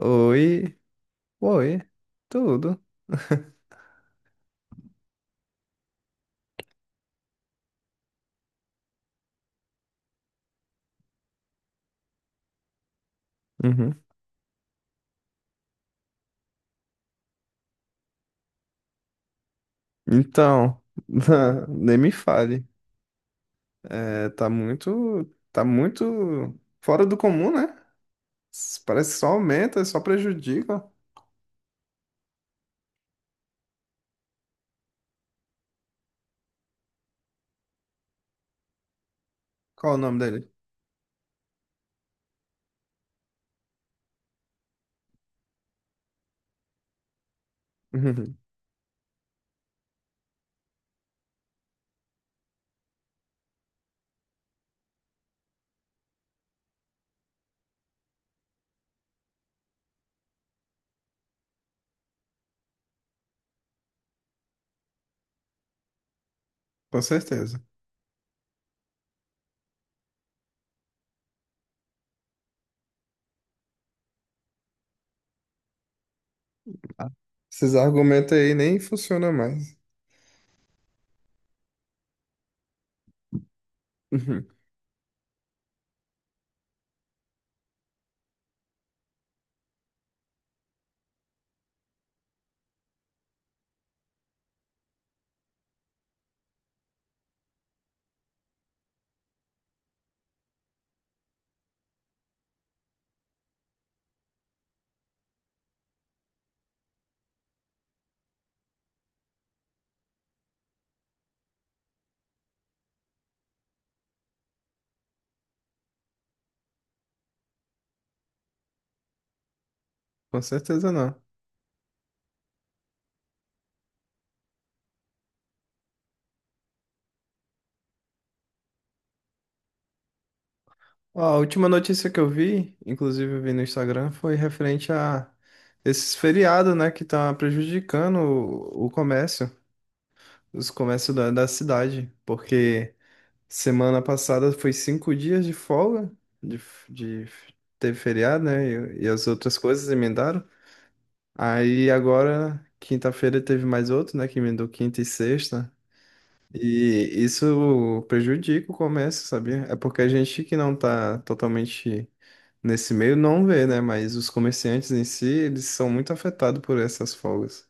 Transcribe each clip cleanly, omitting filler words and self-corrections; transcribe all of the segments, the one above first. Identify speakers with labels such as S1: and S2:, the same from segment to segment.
S1: Oi, oi, tudo. Uhum. Então, nem me fale. É, tá muito fora do comum, né? Parece que só aumenta, só prejudica. Qual é o nome dele? Uhum. Com certeza. Esses argumentos aí nem funcionam mais. Uhum. Com certeza não. Ó, a última notícia que eu vi, inclusive eu vi no Instagram, foi referente a esses feriados, né, que tá prejudicando o comércio. Os comércios da cidade, porque semana passada foi 5 dias de folga, de, f- de teve feriado, né? E as outras coisas emendaram. Aí agora, quinta-feira, teve mais outro, né? Que emendou quinta e sexta. E isso prejudica o comércio, sabia? É porque a gente que não tá totalmente nesse meio não vê, né? Mas os comerciantes em si, eles são muito afetados por essas folgas.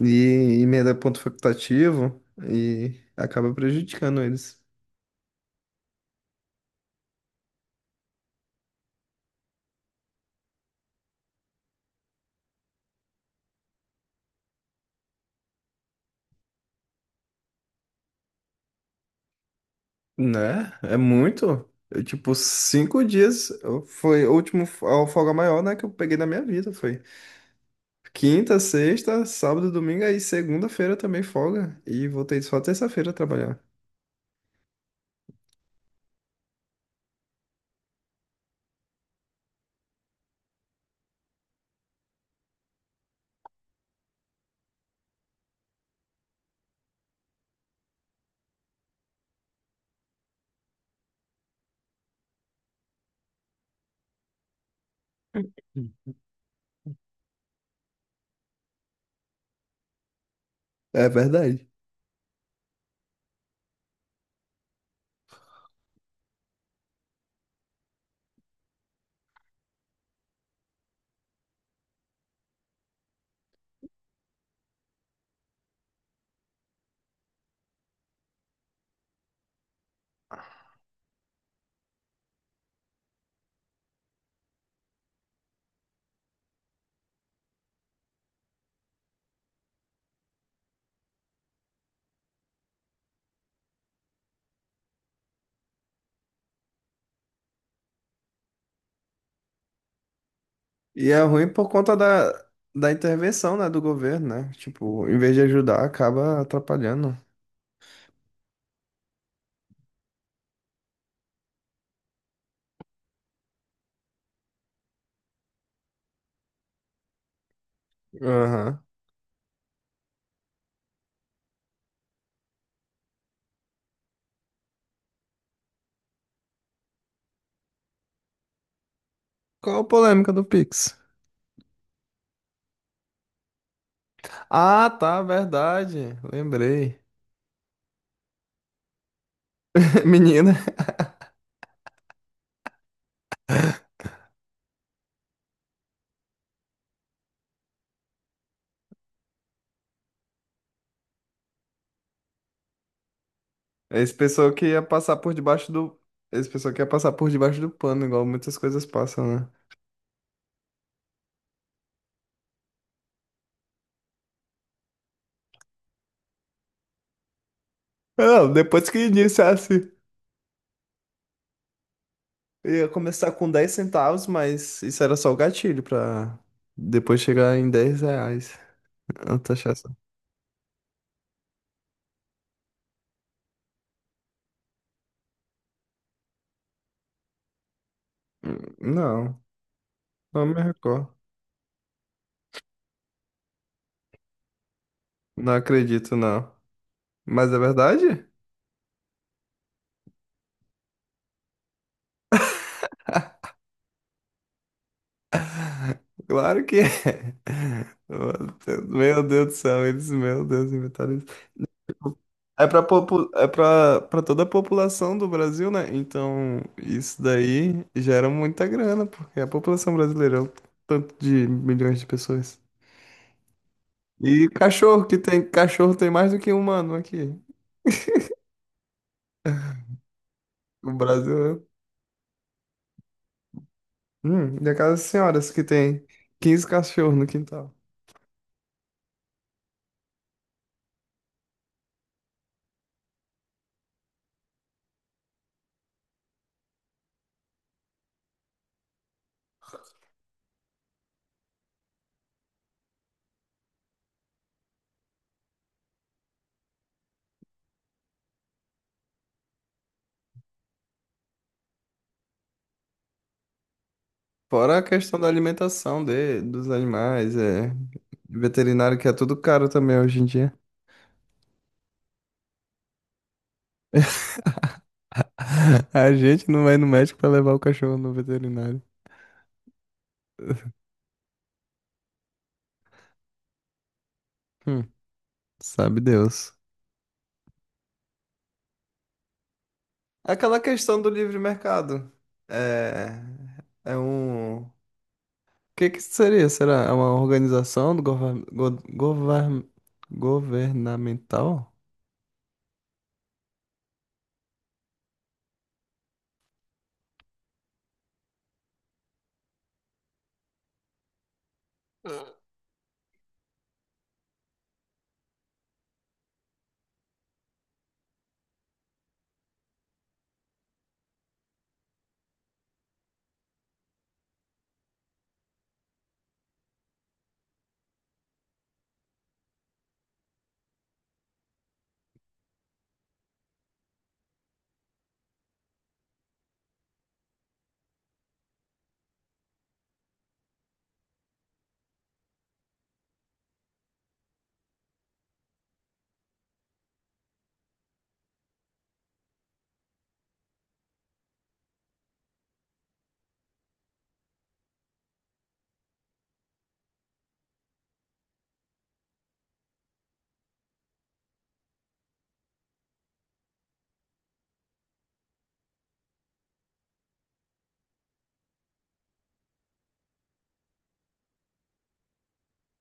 S1: E emenda ponto facultativo e acaba prejudicando eles. Né? É muito. Eu, tipo, 5 dias foi o último a folga maior, né, que eu peguei na minha vida. Foi quinta, sexta, sábado, domingo, aí segunda-feira também folga. E voltei só terça-feira a trabalhar. Hum. É verdade. E é ruim por conta da intervenção, né, do governo, né? Tipo, em vez de ajudar, acaba atrapalhando. Aham. Qual a polêmica do Pix? Ah, tá, verdade. Lembrei. Menina, esse pessoal que ia passar por debaixo do. Esse pessoal que ia passar por debaixo do pano, igual muitas coisas passam, né? Não, depois que iniciasse, ia começar com 10 centavos, mas isso era só o gatilho pra depois chegar em R$ 10. A taxação. Não, não me recordo. Não acredito, não. Mas é verdade? Claro que é. Meu Deus do céu, eles, meu Deus, inventaram. É para toda a população do Brasil, né? Então, isso daí gera muita grana, porque a população brasileira é um tanto de milhões de pessoas. E cachorro, que tem cachorro tem mais do que um humano aqui. O Brasil é. E aquelas senhoras que tem 15 cachorros no quintal. Fora a questão da alimentação dos animais, é veterinário que é tudo caro também hoje em dia. A gente não vai no médico para levar o cachorro no veterinário. Sabe Deus. É. Aquela questão do livre mercado. É, é um. O que que seria? Será? É uma organização do governamental?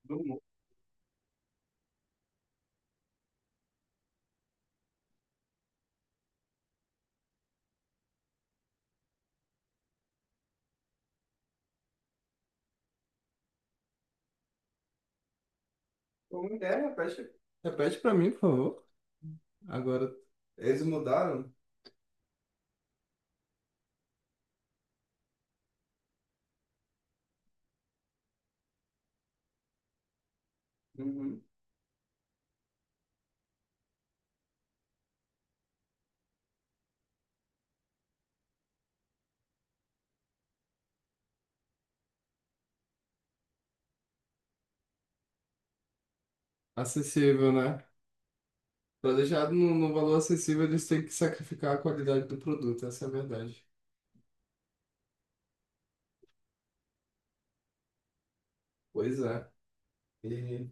S1: Do mundo. Como é? Repete, repete para mim, por favor. Agora, eles mudaram. Uhum. Acessível, né? Para deixar no valor acessível, eles têm que sacrificar a qualidade do produto, essa é a verdade. Pois é. E-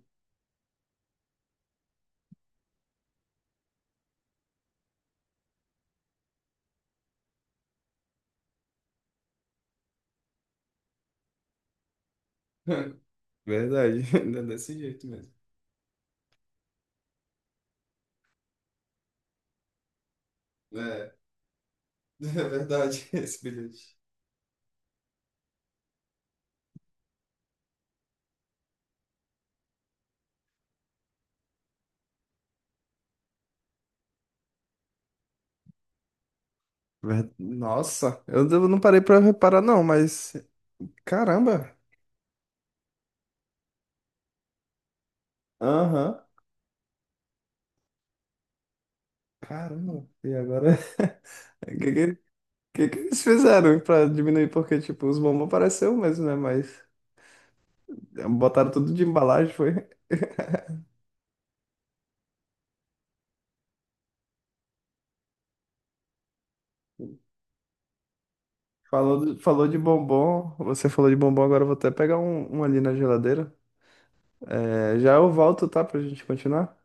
S1: Verdade, é desse jeito mesmo. É, é verdade, esse bilhete. Nossa, eu não parei pra reparar, não, mas. Caramba! Aham, caramba! E agora? O que que eles fizeram pra diminuir? Porque, tipo, os bombons pareceram mesmo, né? Mas botaram tudo de embalagem, foi. Falou de bombom, você falou de bombom, agora eu vou até pegar um ali na geladeira. É, já eu volto, tá? Pra gente continuar.